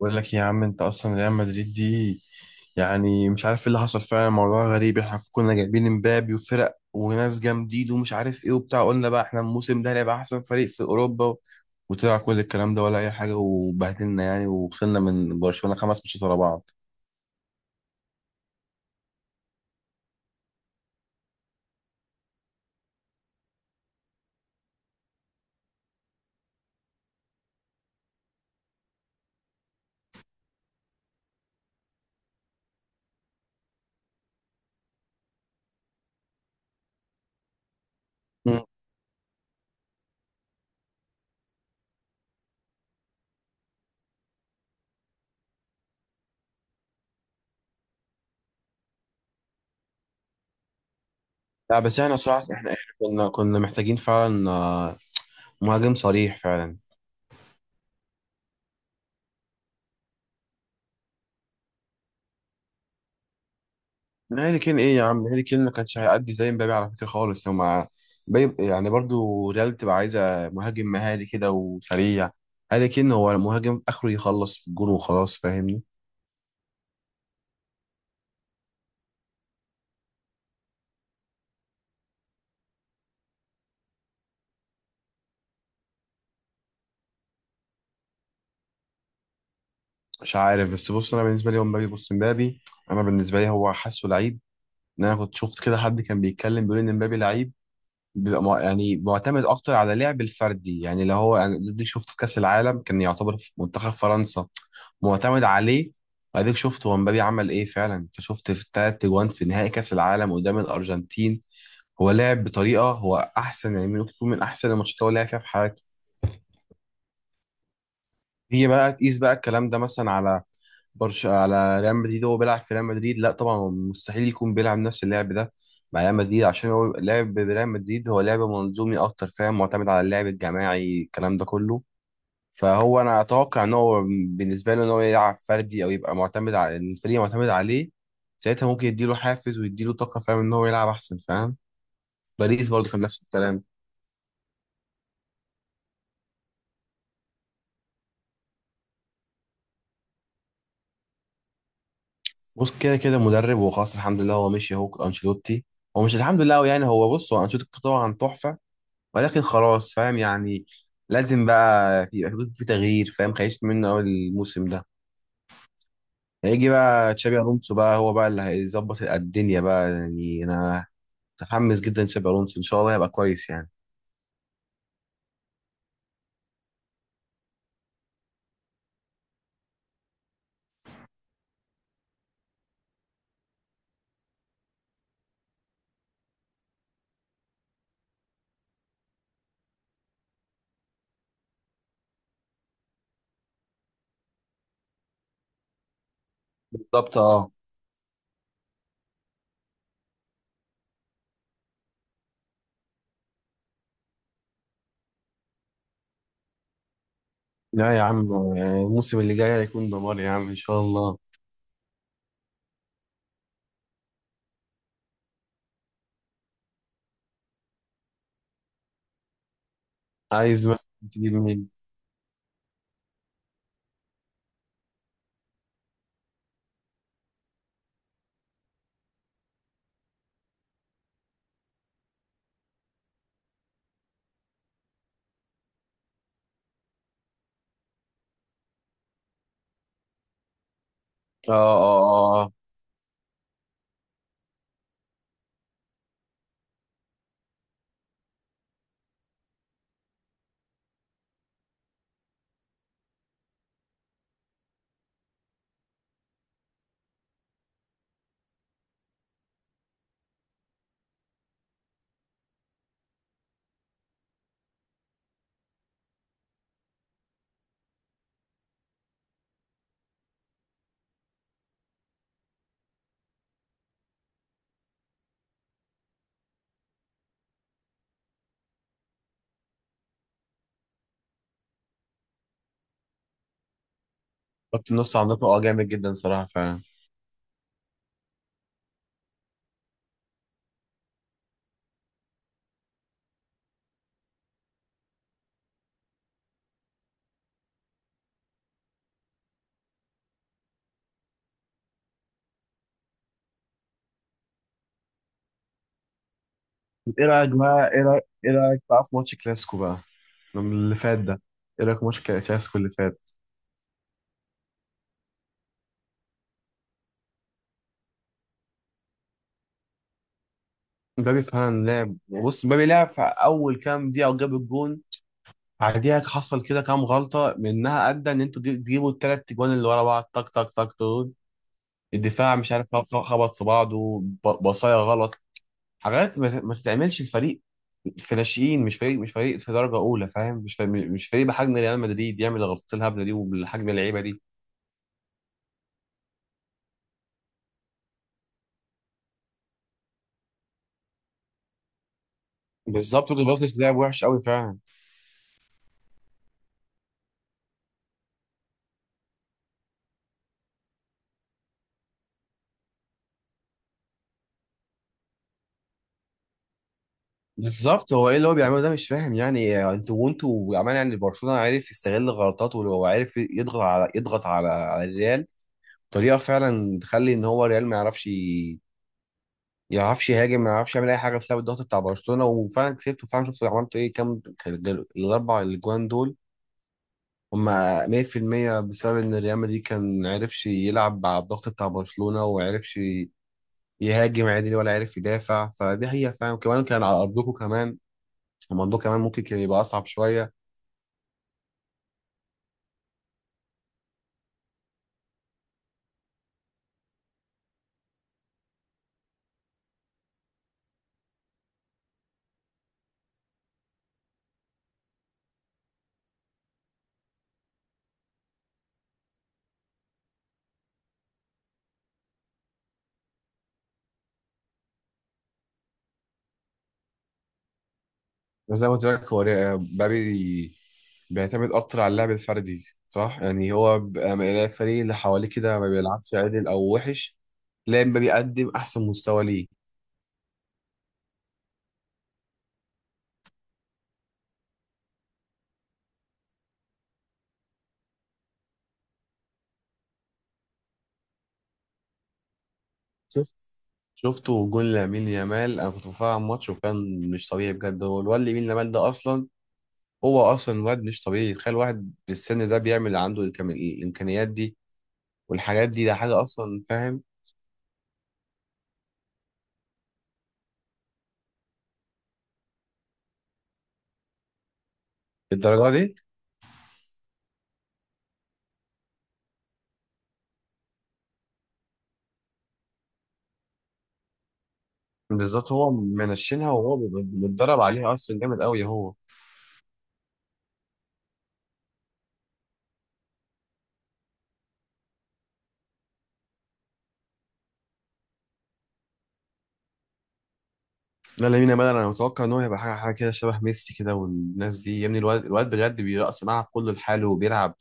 بقول لك إيه يا عم، انت اصلا ريال مدريد دي يعني مش عارف ايه اللي حصل فعلا. موضوع غريب، احنا كنا جايبين امبابي وفرق وناس جامدين ومش عارف ايه وبتاع، قلنا بقى احنا الموسم ده هيبقى احسن فريق في اوروبا، وطلع كل الكلام ده ولا اي حاجه وبهدلنا يعني وخسرنا من برشلونه خمس ماتشات ورا بعض. مم. لا بس احنا صراحه احنا كنا محتاجين فعلا، مهاجم صريح فعلا. من هاري كين؟ ايه يا عم، هاري كين ما كانش هيأدي زي مبابي على فكرة خالص. هما يعني برضو ريال بتبقى عايزة مهاجم مهاري كده وسريع. هاري كين هو المهاجم اخره يخلص في الجون وخلاص، فاهمني؟ مش عارف، بس بص انا بالنسبة لي هو مبابي. بص مبابي، انا بالنسبة لي هو حاسه لعيب. ان انا كنت شفت كده حد كان بيتكلم بيقول ان مبابي لعيب بيبقى يعني معتمد اكتر على لعب الفردي، يعني اللي هو يعني اديك شفت في كاس العالم كان يعتبر في منتخب فرنسا معتمد عليه. واديك شفت هو مبابي عمل ايه فعلا، انت شفت في الثلاث اجوان في نهائي كاس العالم قدام الارجنتين، هو لعب بطريقه هو احسن يعني، ممكن يكون من احسن الماتشات اللي هو لعب فيها في حياته. هي بقى تقيس بقى الكلام ده مثلا على برش، على ريال مدريد، هو بيلعب في ريال مدريد، لا طبعا هو مستحيل يكون بيلعب نفس اللعب ده مع ريال مدريد، عشان هو لعب بريال مدريد هو لعب منظومي اكتر، فاهم؟ معتمد على اللعب الجماعي الكلام ده كله. فهو انا اتوقع ان هو بالنسبه له ان هو يلعب فردي او يبقى معتمد على الفريق، معتمد عليه ساعتها ممكن يديله حافز ويديله طاقه، فاهم ان هو يلعب احسن؟ فاهم؟ باريس برضه كان نفس الكلام. بص، كده كده مدرب هو خلاص، الحمد لله هو مشي، هو انشيلوتي. هو مش الحمد لله هو يعني، هو بص، هو انشيلوتي طبعا تحفه، ولكن خلاص فاهم يعني. لازم بقى يبقى في تغيير، فاهم؟ خيشت منه اول الموسم ده. هيجي بقى تشابي الونسو بقى، هو بقى اللي هيظبط الدنيا بقى، يعني انا متحمس جدا، تشابي الونسو ان شاء الله هيبقى كويس يعني. بالظبط اه. لا يا عم، يعني الموسم اللي جاي هيكون دمار يا عم ان شاء الله. عايز مثلا تجيب مين؟ اه اه اه آه. خط النص عندكم اه جامد جدا صراحه فعلا. ايه رايك بقى، ايه رايك بقى في ماتش كلاسيكو بقى اللي فات ده؟ ايه رايك في ماتش كلاسيكو اللي فات؟ مبابي فعلا لعب، بص، مبابي لعب في اول كام دقيقه وجاب الجون. بعديها حصل كده كام غلطه منها ادى ان انتوا تجيبوا الثلاث جوان اللي ورا بعض تك تك تك دول. الدفاع مش عارف، خبط في بعضه، بصايا غلط، حاجات ما تتعملش. الفريق في ناشئين، مش فريق في درجه اولى، فاهم؟ مش فريق بحجم ريال مدريد يعمل الغلطات الهبله دي وبالحجم اللعيبه دي. بالظبط، وجد بطلس لعب وحش قوي فعلا. بالظبط، هو ايه اللي هو بيعمله ده؟ مش فاهم يعني، انتوا وانتوا عمال يعني برشلونه عارف يستغل غلطاته، ولو عارف يضغط على الريال طريقه فعلا تخلي ان هو الريال ما يعرفش يعرفش يهاجم، ما يعرفش يعمل اي حاجه بسبب الضغط بتاع برشلونه. وفعلا كسبت، وفعلا شفت عملت ايه كام كان الاربع اجوان دول. هما 100% بسبب ان الريال مدريد كان عرفش يلعب على الضغط بتاع برشلونه وعرفش يهاجم عادي ولا عارف يدافع. فدي هي فعلا، كمان كان على ارضكم، كمان الموضوع كمان ممكن كان يبقى اصعب شويه. بس زي ما قلت لك، هو مبابي بيعتمد اكتر على اللعب الفردي صح، يعني هو الفريق اللي حواليه كده ما بيلعبش عدل او وحش، تلاقي مبابي بيقدم احسن مستوى ليه. شفت؟ شفته جون لامين يامال، انا كنت بتفرج على الماتش وكان مش طبيعي بجد. هو الواد لامين يامال ده اصلا، هو اصلا واد مش طبيعي، تخيل واحد بالسن ده بيعمل عنده الامكانيات دي والحاجات دي. ده حاجه اصلا، فاهم؟ الدرجه دي. بالظبط، هو منشنها وهو متدرب عليها اصلا، جامد قوي هو. لا لامين يامال انا متوقع ان هو هيبقى حاجه كده شبه ميسي كده والناس دي، يا ابني الواد بجد بيرقص الملعب كله لحاله وبيلعب.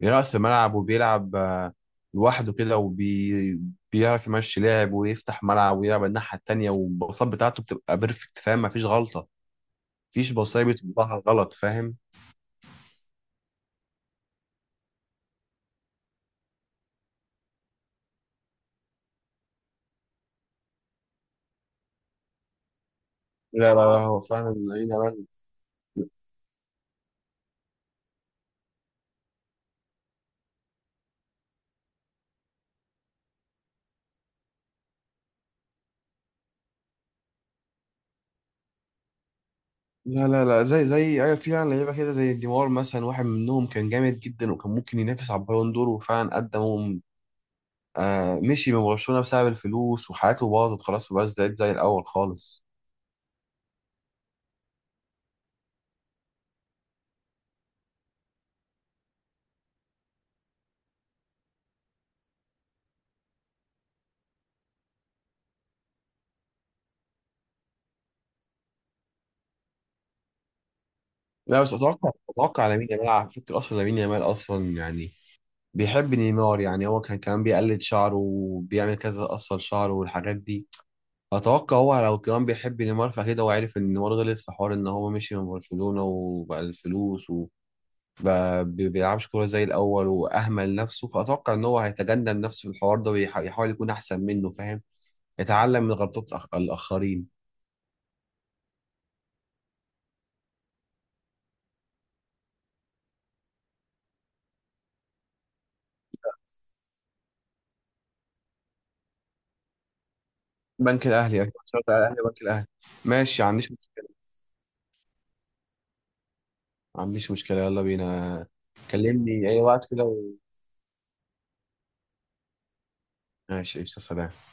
بيرقص الملعب وبيلعب، لوحده كده، وبي بيعرف يمشي لاعب ويفتح ملعب ويلعب الناحيه التانيه، والباصات بتاعته بتبقى بيرفكت، فاهم؟ مفيش غلطه، مفيش بصايه بتطلعها غلط، فاهم؟ لا لا لا هو فعلا لامين يامال. لا لا لا، زي ايوه فعلا لعيبه كده زي ديمار مثلا، واحد منهم كان جامد جدا وكان ممكن ينافس على البالون دور وفعلا قدم، آه، مشي من برشلونه بسبب الفلوس وحياته باظت خلاص وبقى زي الاول خالص. لا بس اتوقع لامين يامال، على فكره اصلا لامين يامال اصلا يعني بيحب نيمار، يعني هو كان كمان بيقلد شعره وبيعمل كذا قصر شعره والحاجات دي. اتوقع هو لو كمان بيحب نيمار، فاكيد هو عارف ان نيمار غلط في حوار ان هو مشي من برشلونه وبقى الفلوس ما بي- بيلعبش كورة زي الأول وأهمل نفسه. فأتوقع إن هو هيتجنب نفسه في الحوار ده ويحاول يكون أحسن منه، فاهم؟ يتعلم من غلطات الآخرين. بنك الأهلي أكيد، شرط الأهلي بنك الأهلي. ماشي، ما عنديش مشكلة. ما عنديش مشكلة، يلا بينا. كلمني أي وقت كده و... ماشي، قشطة، سلام.